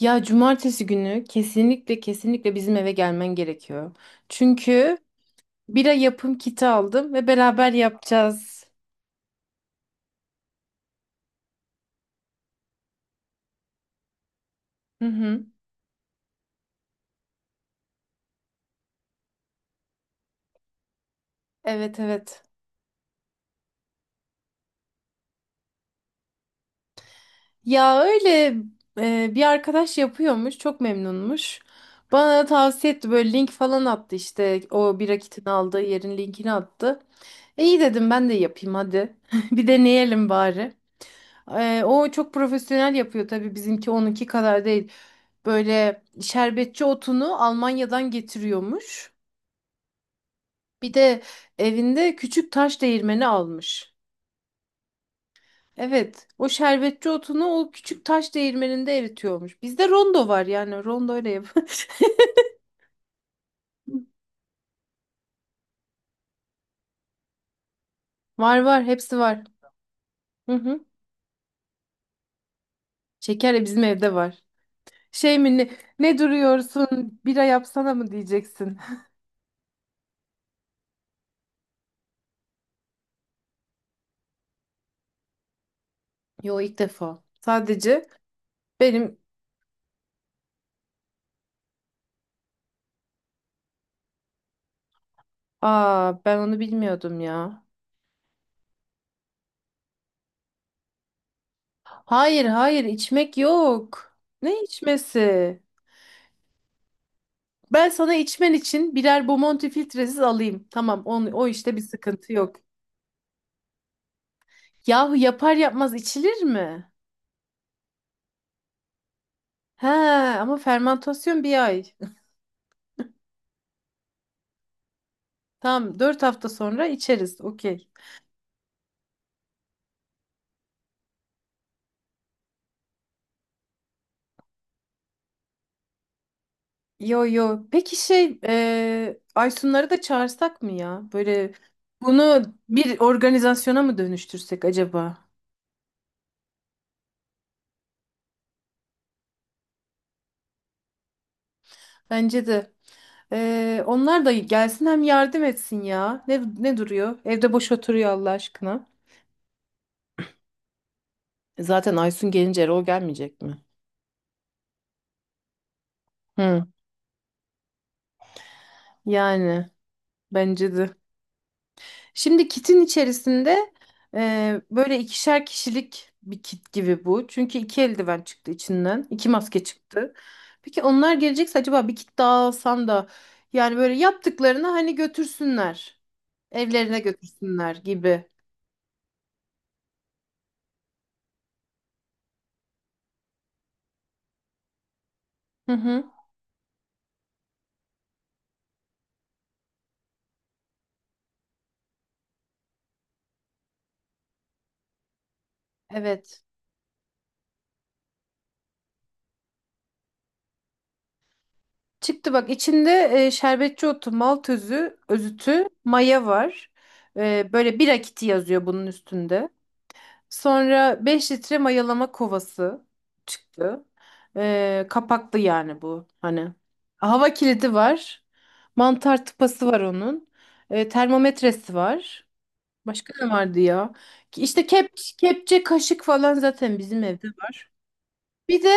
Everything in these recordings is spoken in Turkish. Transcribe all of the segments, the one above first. Ya cumartesi günü kesinlikle kesinlikle bizim eve gelmen gerekiyor. Çünkü bira yapım kiti aldım ve beraber yapacağız. Hı hı. Evet, evet. Ya öyle bir arkadaş yapıyormuş, çok memnunmuş. Bana da tavsiye etti, böyle link falan attı, işte o bira kitini aldığı yerin linkini attı. İyi dedim, ben de yapayım hadi. Bir deneyelim bari. O çok profesyonel yapıyor tabii, bizimki onunki kadar değil. Böyle şerbetçi otunu Almanya'dan getiriyormuş. Bir de evinde küçük taş değirmeni almış. Evet, o şerbetçi otunu o küçük taş değirmeninde eritiyormuş. Bizde rondo var, yani rondo ile yap. Var var, hepsi var. Hı hı. Şeker de bizim evde var. Şey mi ne, ne duruyorsun bira yapsana mı diyeceksin? Yo, ilk defa. Sadece benim. Aa, ben onu bilmiyordum ya. Hayır, hayır, içmek yok. Ne içmesi? Ben sana içmen için birer Bomonti filtresiz alayım. Tamam, o işte bir sıkıntı yok. Yahu yapar yapmaz içilir mi? He, ama fermantasyon bir ay. Tamam, 4 hafta sonra içeriz. Okey. Yo yo. Peki Aysunları da çağırsak mı ya? Böyle bunu bir organizasyona mı dönüştürsek acaba? Bence de. Onlar da gelsin, hem yardım etsin ya. Ne duruyor? Evde boş oturuyor Allah aşkına. Zaten Aysun gelince Erol gelmeyecek mi? Hı. Yani bence de. Şimdi kitin içerisinde böyle ikişer kişilik bir kit gibi bu. Çünkü iki eldiven çıktı içinden. İki maske çıktı. Peki onlar gelecekse acaba bir kit daha alsam da, yani böyle yaptıklarını hani götürsünler. Evlerine götürsünler gibi. Hı hı. Evet. Çıktı, bak içinde şerbetçi otu, malt özü, özütü, maya var. Böyle bir akiti yazıyor bunun üstünde. Sonra 5 litre mayalama kovası çıktı. Kapaklı yani bu, hani. Hava kilidi var. Mantar tıpası var onun. Termometresi var. Başka ne vardı ya? Ki İşte kepçe, kaşık falan zaten bizim evde var. Bir de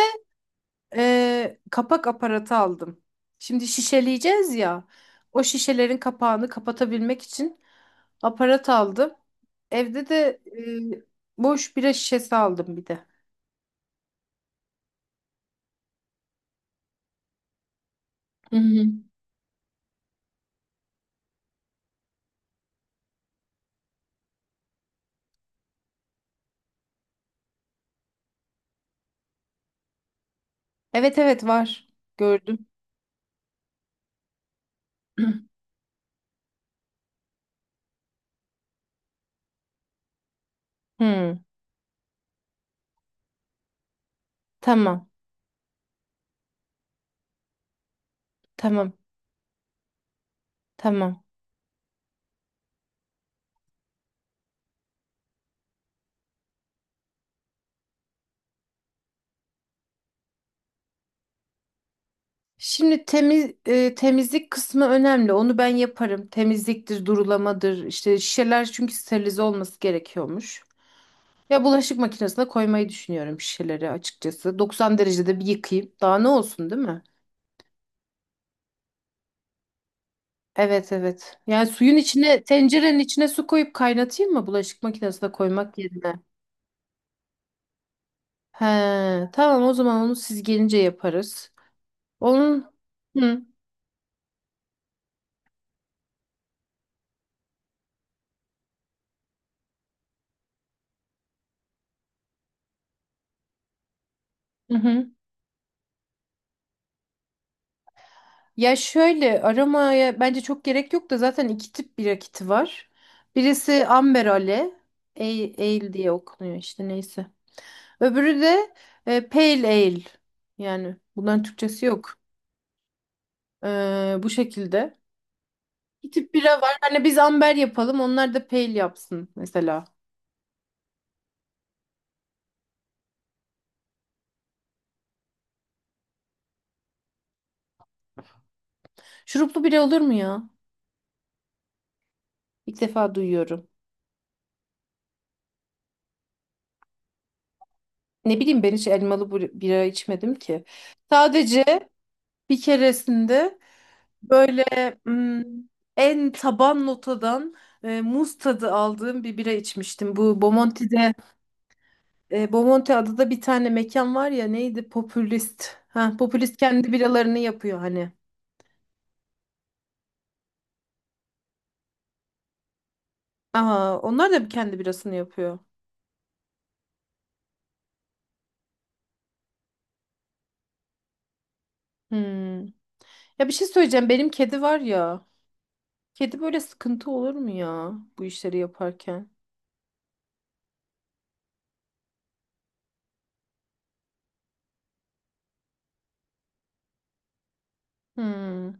kapak aparatı aldım. Şimdi şişeleyeceğiz ya. O şişelerin kapağını kapatabilmek için aparat aldım. Evde de boş bira şişesi aldım bir de. Hı hı. Evet, evet, var. Gördüm. Hmm, tamam, tamam, tamam. Şimdi temizlik kısmı önemli. Onu ben yaparım. Temizliktir, durulamadır. İşte şişeler, çünkü sterilize olması gerekiyormuş. Ya bulaşık makinesine koymayı düşünüyorum şişeleri, açıkçası. 90 derecede bir yıkayayım. Daha ne olsun, değil mi? Evet, evet. Yani suyun içine, tencerenin içine su koyup kaynatayım mı bulaşık makinesine koymak yerine? He, tamam, o zaman onu siz gelince yaparız. Onun. Hı, hı hı. Ya şöyle, aramaya bence çok gerek yok da, zaten iki tip bir rakiti var. Birisi Amber Ale, Ale diye okunuyor işte, neyse. Öbürü de pale ale. Yani bunların Türkçesi yok. Bu şekilde. Bir tip bira var. Hani biz amber yapalım. Onlar da pale yapsın mesela. Şuruplu bira olur mu ya? İlk defa duyuyorum. Ne bileyim, ben hiç elmalı bira içmedim ki. Sadece bir keresinde böyle hmm, en taban notadan muz tadı aldığım bir bira içmiştim. Bu Bomonti'de. Bomonti adada bir tane mekan var ya, neydi? Popülist. Ha, popülist kendi biralarını yapıyor hani. Aha, onlar da bir kendi birasını yapıyor. Hmm. Ya bir şey söyleyeceğim. Benim kedi var ya. Kedi böyle sıkıntı olur mu ya bu işleri yaparken? Hmm.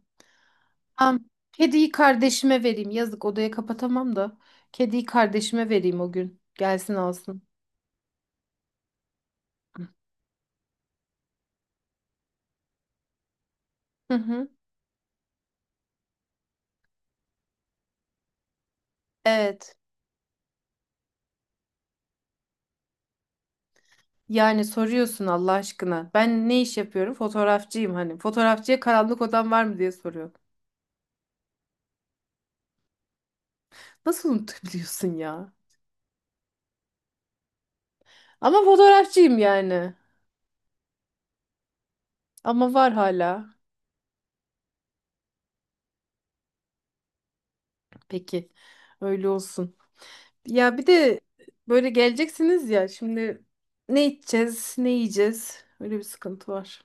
Tamam. Kediyi kardeşime vereyim. Yazık, odaya kapatamam da. Kediyi kardeşime vereyim o gün. Gelsin alsın. Hı hı. Evet. Yani soruyorsun Allah aşkına. Ben ne iş yapıyorum? Fotoğrafçıyım hani. Fotoğrafçıya karanlık odam var mı diye soruyor. Nasıl unutabiliyorsun ya? Ama fotoğrafçıyım yani. Ama var hala. Peki. Öyle olsun. Ya bir de böyle geleceksiniz ya. Şimdi ne içeceğiz, ne yiyeceğiz? Öyle bir sıkıntı var.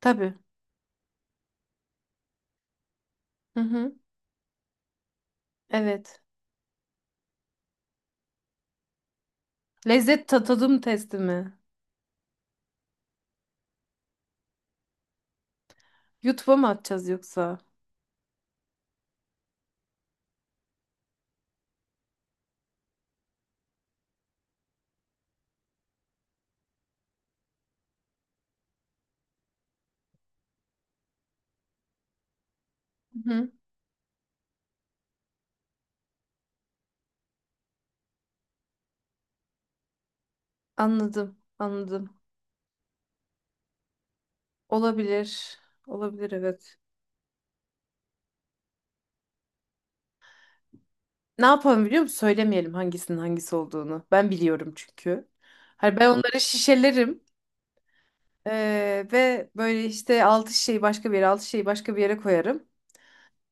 Tabii. Hı hı. Evet. Lezzet tadım testi mi? YouTube'a mı atacağız yoksa? Hı hı. Anladım, anladım. Olabilir. Olabilir, evet. Ne yapalım, biliyor musun? Söylemeyelim hangisinin hangisi olduğunu. Ben biliyorum çünkü. Hani ben onları şişelerim. Ve böyle işte altı şişeyi başka bir yere, altı şişeyi başka bir yere koyarım.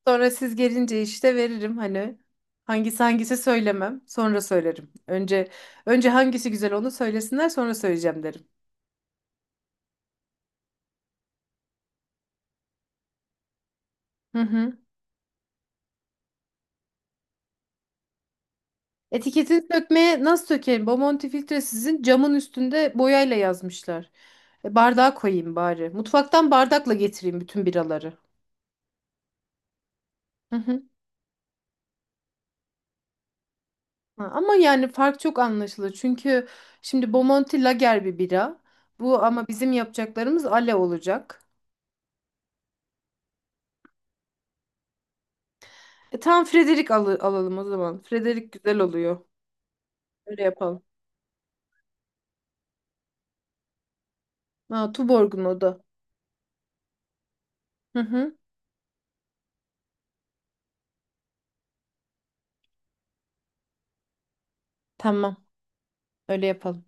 Sonra siz gelince işte veririm, hani hangisi hangisi söylemem. Sonra söylerim. Önce hangisi güzel onu söylesinler, sonra söyleyeceğim derim. Hı hı. Etiketini sökmeye nasıl sökerim? Bomonti filtre sizin camın üstünde boyayla yazmışlar. Bardağa koyayım bari. Mutfaktan bardakla getireyim bütün biraları. Ha, ama yani fark çok anlaşılır. Çünkü şimdi Bomonti lager bir bira. Bu ama bizim yapacaklarımız ale olacak. Tamam Frederick alalım o zaman. Frederick güzel oluyor. Öyle yapalım. Ha, Tuborg'un o da. Hı hı. Tamam. Öyle yapalım.